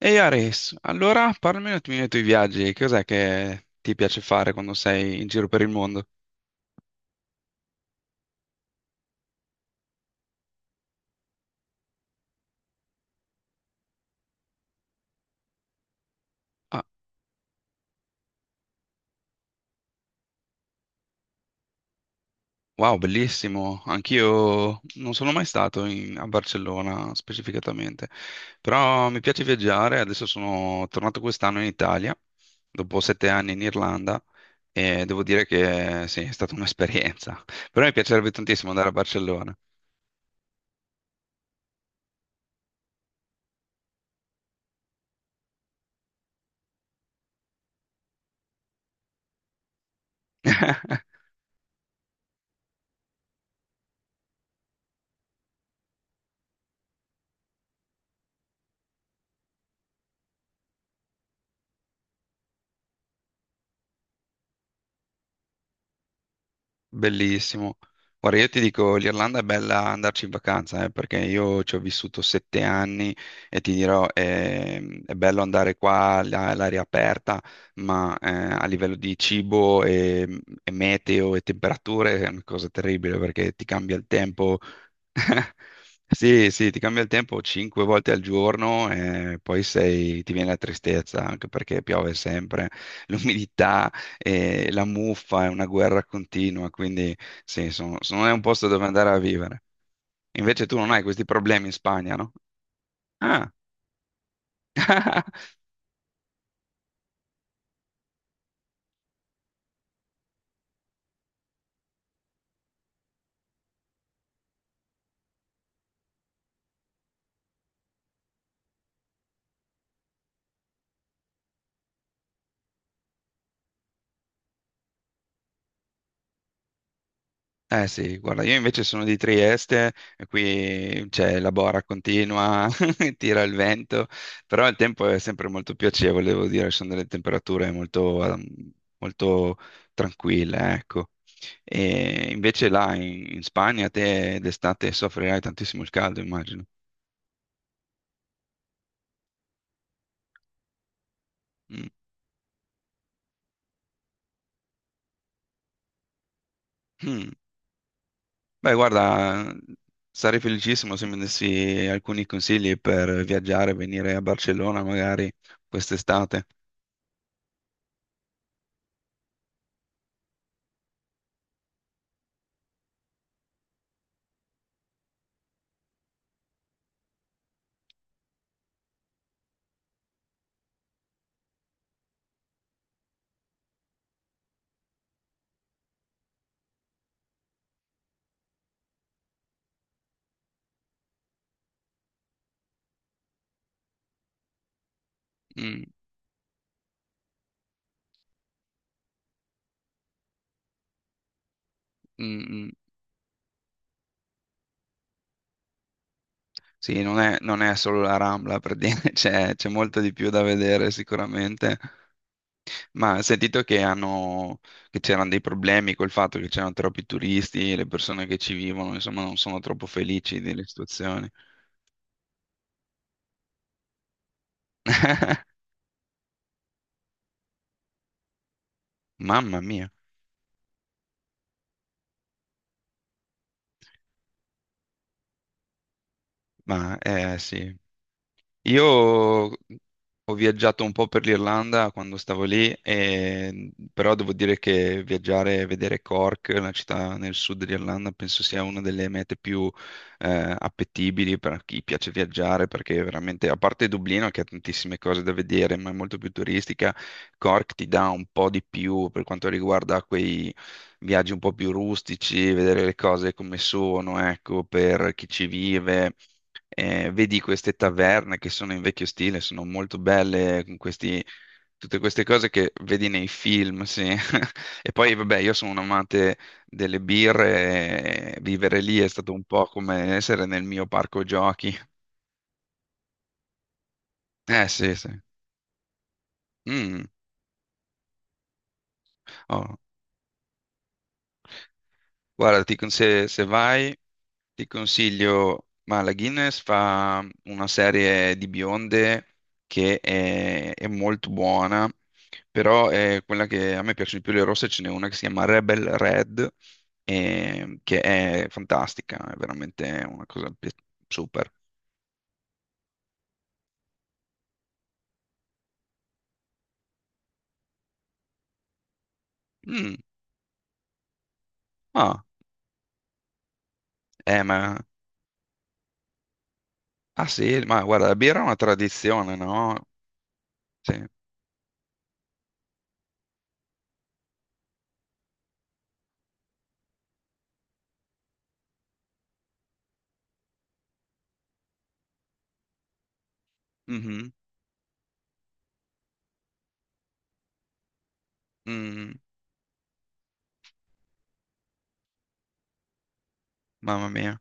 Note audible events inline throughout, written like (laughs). Ehi Ares, allora parlami un attimino dei tuoi viaggi, cos'è che ti piace fare quando sei in giro per il mondo? Ah, wow, bellissimo, anch'io non sono mai stato a Barcellona specificatamente, però mi piace viaggiare, adesso sono tornato quest'anno in Italia, dopo 7 anni in Irlanda, e devo dire che sì, è stata un'esperienza, (laughs) però mi piacerebbe tantissimo andare a Barcellona. (laughs) Bellissimo. Guarda, io ti dico, l'Irlanda è bella andarci in vacanza, perché io ci ho vissuto 7 anni e ti dirò, è, bello andare qua là, all'aria aperta, ma a livello di cibo e meteo e temperature è una cosa terribile perché ti cambia il tempo. (laughs) Sì, sì, ti cambia il tempo cinque volte al giorno e poi ti viene la tristezza, anche perché piove sempre, (laughs) l'umidità, e la muffa è una guerra continua, quindi sì, non è un posto dove andare a vivere. Invece tu non hai questi problemi in Spagna, no? Ah, eh sì, guarda, io invece sono di Trieste, e qui c'è la bora continua, (laughs) tira il vento, però il tempo è sempre molto piacevole, devo dire, sono delle temperature molto, molto tranquille, ecco. E invece là in Spagna te d'estate soffrirai tantissimo il caldo, immagino. Mm. Mm. Beh, guarda, sarei felicissimo se mi dessi alcuni consigli per viaggiare, venire a Barcellona magari quest'estate. Mm. Mm, mm. Sì, non è solo la Rambla, per dire, (laughs) c'è molto di più da vedere sicuramente, ma ho sentito che che c'erano dei problemi col fatto che c'erano troppi turisti, e le persone che ci vivono, insomma, non sono troppo felici delle situazioni. (laughs) Mamma mia, ma eh sì. Io ho viaggiato un po' per l'Irlanda quando stavo lì, però devo dire che viaggiare e vedere Cork, la città nel sud dell'Irlanda, penso sia una delle mete più appetibili per chi piace viaggiare, perché veramente, a parte Dublino che ha tantissime cose da vedere, ma è molto più turistica, Cork ti dà un po' di più per quanto riguarda quei viaggi un po' più rustici, vedere le cose come sono, ecco, per chi ci vive vedi queste taverne che sono in vecchio stile, sono molto belle, con tutte queste cose che vedi nei film, sì. (laughs) E poi, vabbè, io sono un amante delle birre, e vivere lì è stato un po' come essere nel mio parco giochi. Eh sì, sì. Mm. Oh, guarda, se vai. Ti consiglio, ma la Guinness fa una serie di bionde che è molto buona, però è quella che a me piacciono di più le rosse, ce n'è una che si chiama Rebel Red, che è fantastica, è veramente una cosa super. Mm, ah, ma, ah sì, ma guarda, la birra è una tradizione, no? Sì. Mhm, mm, mamma mia.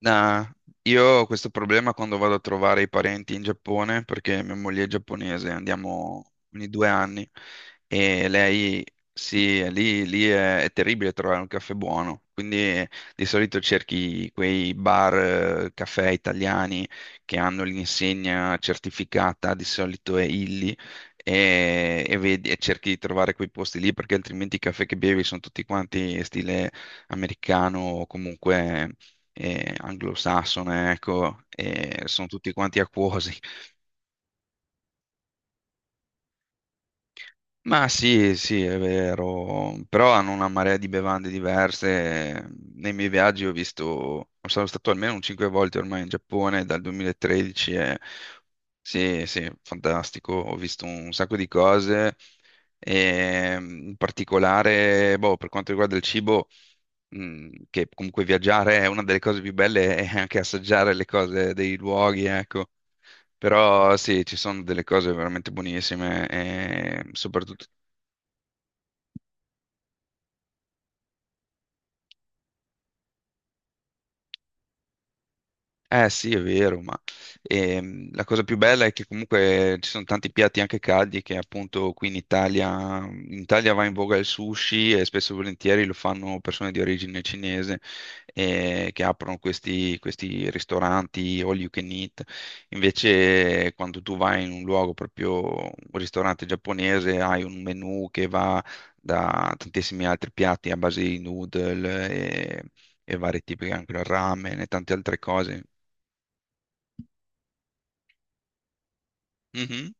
Nah, io ho questo problema quando vado a trovare i parenti in Giappone perché mia moglie è giapponese, andiamo ogni 2 anni e lei, sì, è lì, lì è terribile trovare un caffè buono, quindi di solito cerchi quei bar, caffè italiani che hanno l'insegna certificata, di solito è Illy, e cerchi di trovare quei posti lì perché altrimenti i caffè che bevi sono tutti quanti stile americano o comunque anglosassone, ecco, e sono tutti quanti acquosi. Ma sì, sì, è vero, però hanno una marea di bevande diverse. Nei miei viaggi sono stato almeno un 5 volte ormai in Giappone dal 2013 e sì, sì, fantastico, ho visto un sacco di cose e in particolare, boh, per quanto riguarda il cibo, che comunque viaggiare è una delle cose più belle, è anche assaggiare le cose dei luoghi, ecco. Però sì, ci sono delle cose veramente buonissime e soprattutto. Eh sì, è vero, ma la cosa più bella è che comunque ci sono tanti piatti anche caldi che appunto qui in Italia va in voga il sushi e spesso e volentieri lo fanno persone di origine cinese che aprono questi, ristoranti all you can eat. Invece quando tu vai in un luogo proprio un ristorante giapponese hai un menù che va da tantissimi altri piatti a base di noodle e vari tipi, anche il ramen e tante altre cose. Mhm.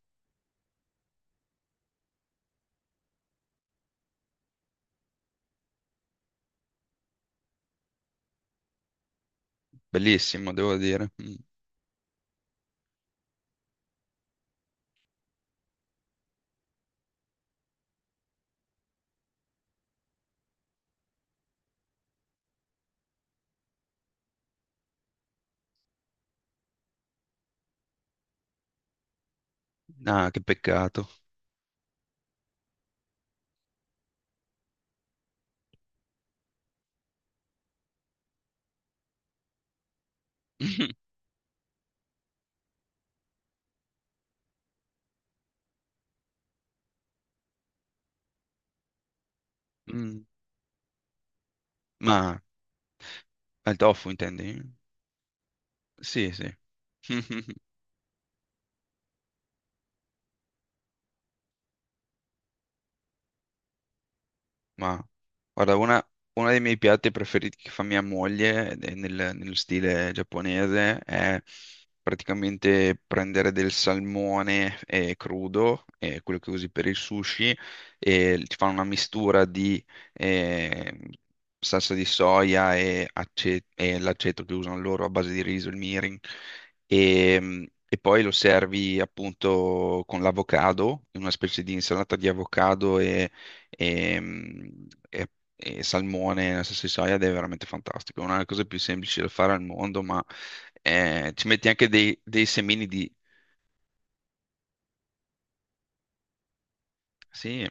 Bellissimo, devo dire. Mm. Ah, che peccato. (laughs) Mm. Ma al tofu intendi? Sì, sì. (laughs) Ma guarda, uno dei miei piatti preferiti che fa mia moglie ed è nello stile giapponese è praticamente prendere del salmone crudo, quello che usi per il sushi, e ti fa una mistura di eh, salsa di soia e l'aceto che usano loro a base di riso, il mirin, e poi lo servi appunto con l'avocado, in una specie di insalata di avocado e, mh, e- e salmone nella salsa di soia ed è veramente fantastico. È una delle cose più semplici da fare al mondo, ma ci metti anche dei semini di. Sì,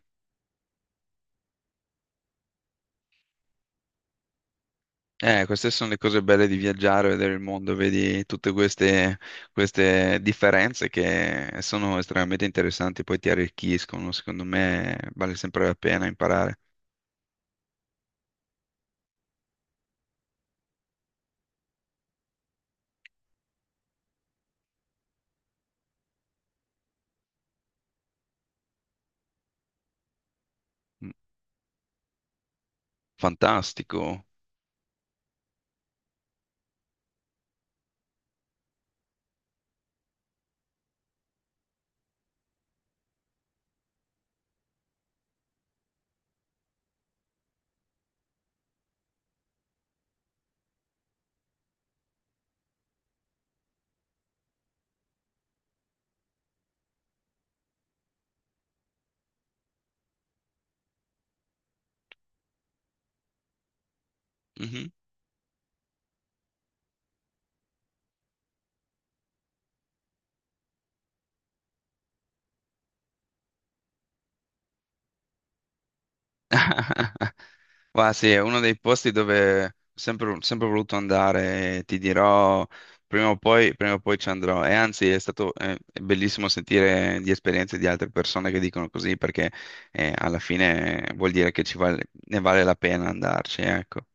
queste sono le cose belle di viaggiare, vedere il mondo, vedi tutte queste differenze che sono estremamente interessanti, poi ti arricchiscono, secondo me vale sempre la pena imparare. Mm, Fantastico. Mhm. (laughs) Ma sì, è uno dei posti dove ho sempre, sempre voluto andare, e ti dirò, prima o poi ci andrò. E anzi, è bellissimo sentire di esperienze di altre persone che dicono così, perché alla fine vuol dire che ne vale la pena andarci, ecco.